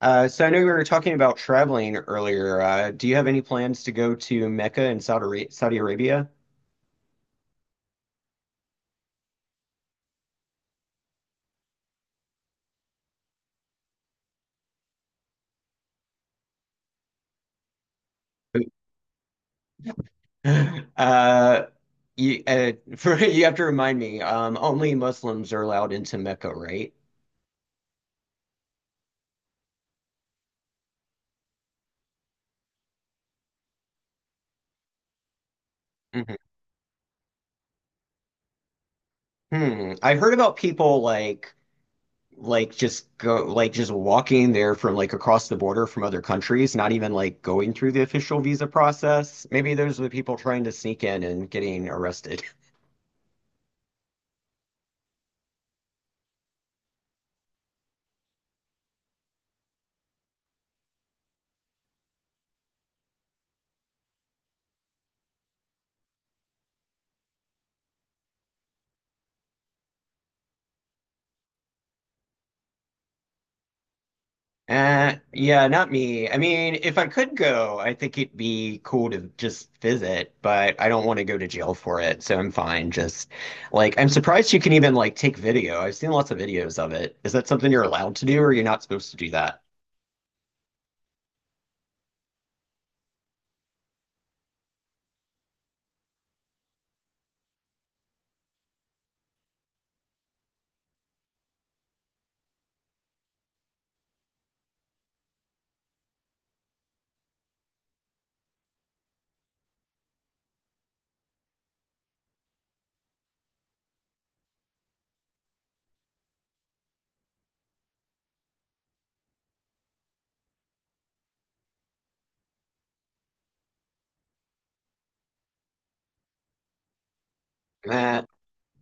So I know we were talking about traveling earlier. Do you have any plans to go to Mecca in Saudi Arabia? Uh, you have to remind me, only Muslims are allowed into Mecca, right? Mhm. Hmm. I've heard about people like just go like just walking there from like across the border from other countries, not even like going through the official visa process. Maybe those are the people trying to sneak in and getting arrested. Yeah, not me. I mean, if I could go, I think it'd be cool to just visit, but I don't want to go to jail for it, so I'm fine. Just like I'm surprised you can even like take video. I've seen lots of videos of it. Is that something you're allowed to do, or you're not supposed to do that? Eh,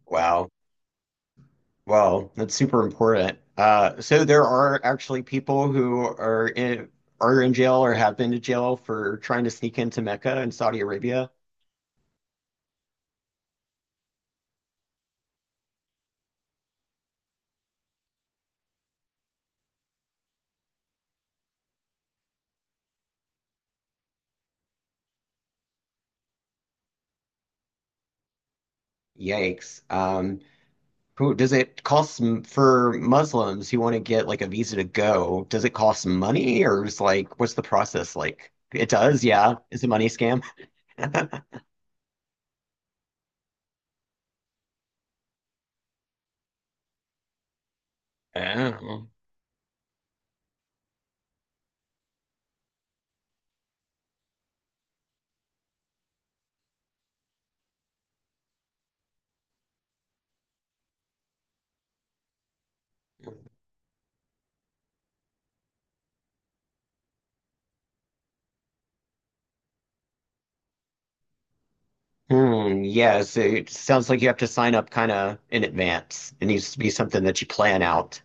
wow. Well, that's super important. So there are actually people who are in jail or have been to jail for trying to sneak into Mecca in Saudi Arabia. Yikes. Who does it for Muslims who want to get like a visa to go? Does it cost money or is like what's the process like? It does, yeah. It's a money scam. Oh. Hmm, yeah, so it sounds like you have to sign up kind of in advance. It needs to be something that you plan out.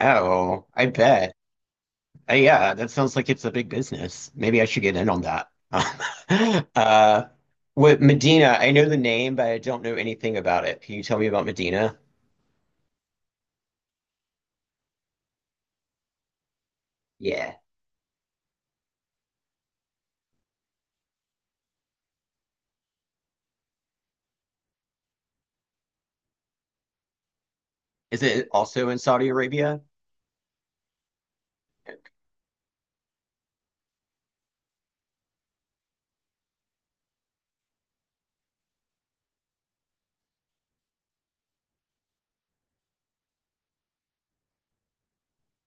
Oh, I bet. Yeah, that sounds like it's a big business. Maybe I should get in on that. Uh, with Medina, I know the name, but I don't know anything about it. Can you tell me about Medina? Yeah. Is it also in Saudi Arabia?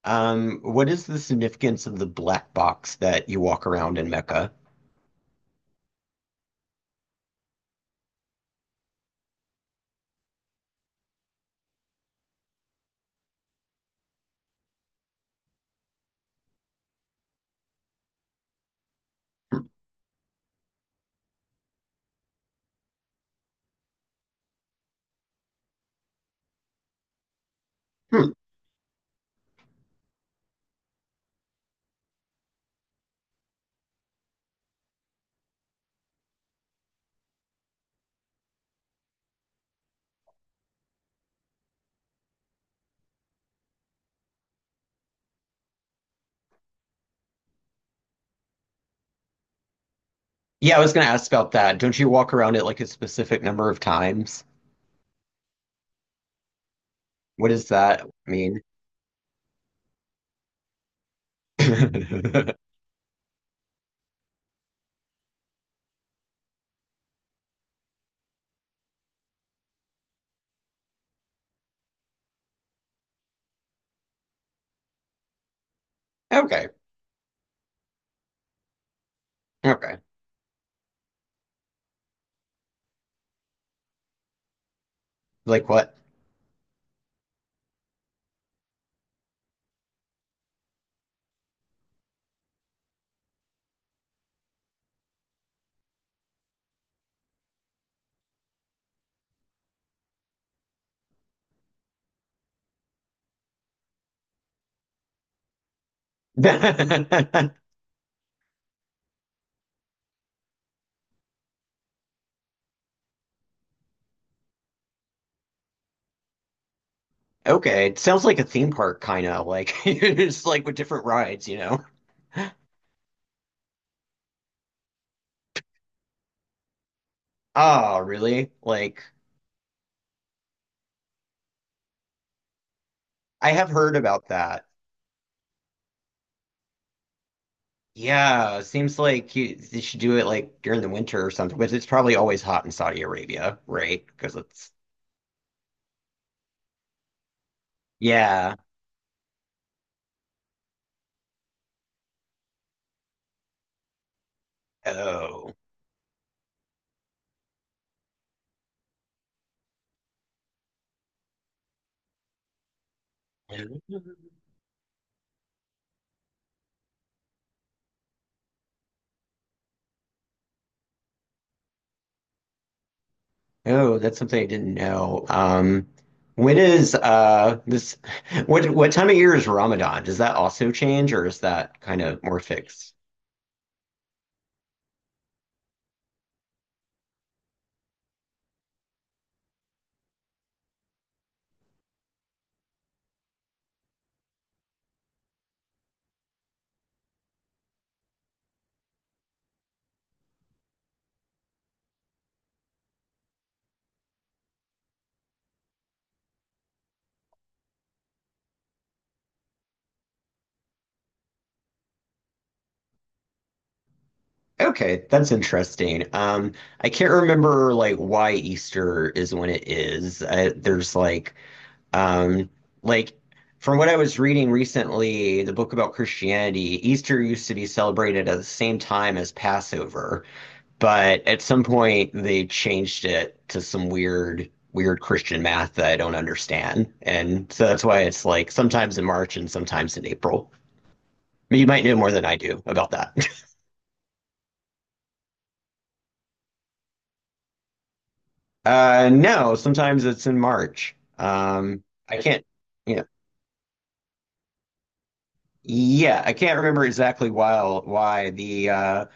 What is the significance of the black box that you walk around in Mecca? Hmm. Yeah, I was gonna ask about that. Don't you walk around it like a specific number of times? What does that mean? Okay, okay. Like what? Okay, it sounds like a theme park kind of like it's like with different rides, you know. Oh, really? Like I have heard about that. Yeah, seems like you they should do it like during the winter or something, but it's probably always hot in Saudi Arabia, right? Because it's yeah. Oh. Oh, that's something I didn't know. When is this what time of year is Ramadan? Does that also change or is that kind of more fixed? Okay, that's interesting. I can't remember like why Easter is when it is. There's um, like from what I was reading recently, the book about Christianity, Easter used to be celebrated at the same time as Passover, but at some point they changed it to some weird Christian math that I don't understand, and so that's why it's like sometimes in March and sometimes in April. You might know more than I do about that. No, sometimes it's in March. I can't, you know, yeah, I can't remember exactly why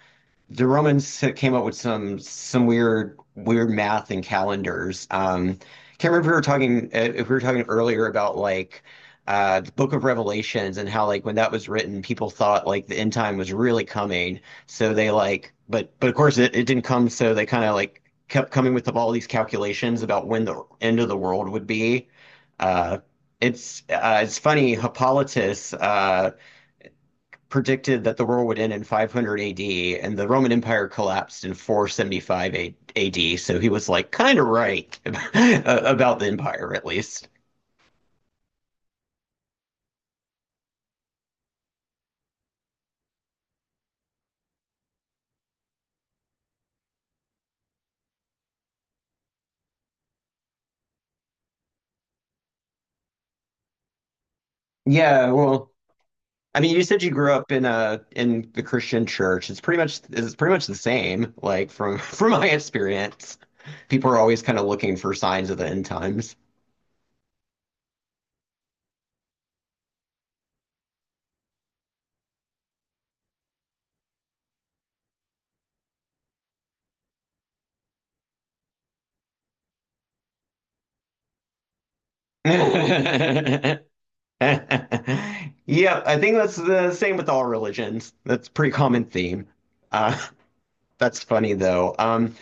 the Romans came up with some weird math and calendars. Can't remember if we were talking earlier about like the Book of Revelations and how like when that was written, people thought like the end time was really coming. So they like, but of course it didn't come. So they kind of like kept coming with all these calculations about when the end of the world would be. Uh, it's funny, Hippolytus, predicted that the world would end in 500 AD, and the Roman Empire collapsed in 475 AD. So he was like kind of right about the empire, at least. Yeah, well, I mean, you said you grew up in the Christian church. It's pretty much the same. Like from from my experience, people are always kind of looking for signs of the end times. Yeah, I think that's the same with all religions. That's a pretty common theme. Uh, That's funny though.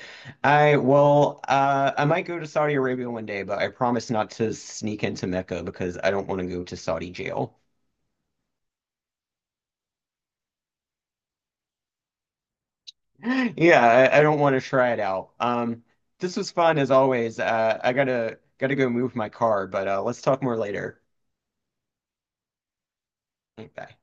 I Well, I might go to Saudi Arabia one day, but I promise not to sneak into Mecca because I don't want to go to Saudi jail. Yeah, I don't want to try it out. This was fun as always. I gotta gotta go move my car, but let's talk more later. Bye.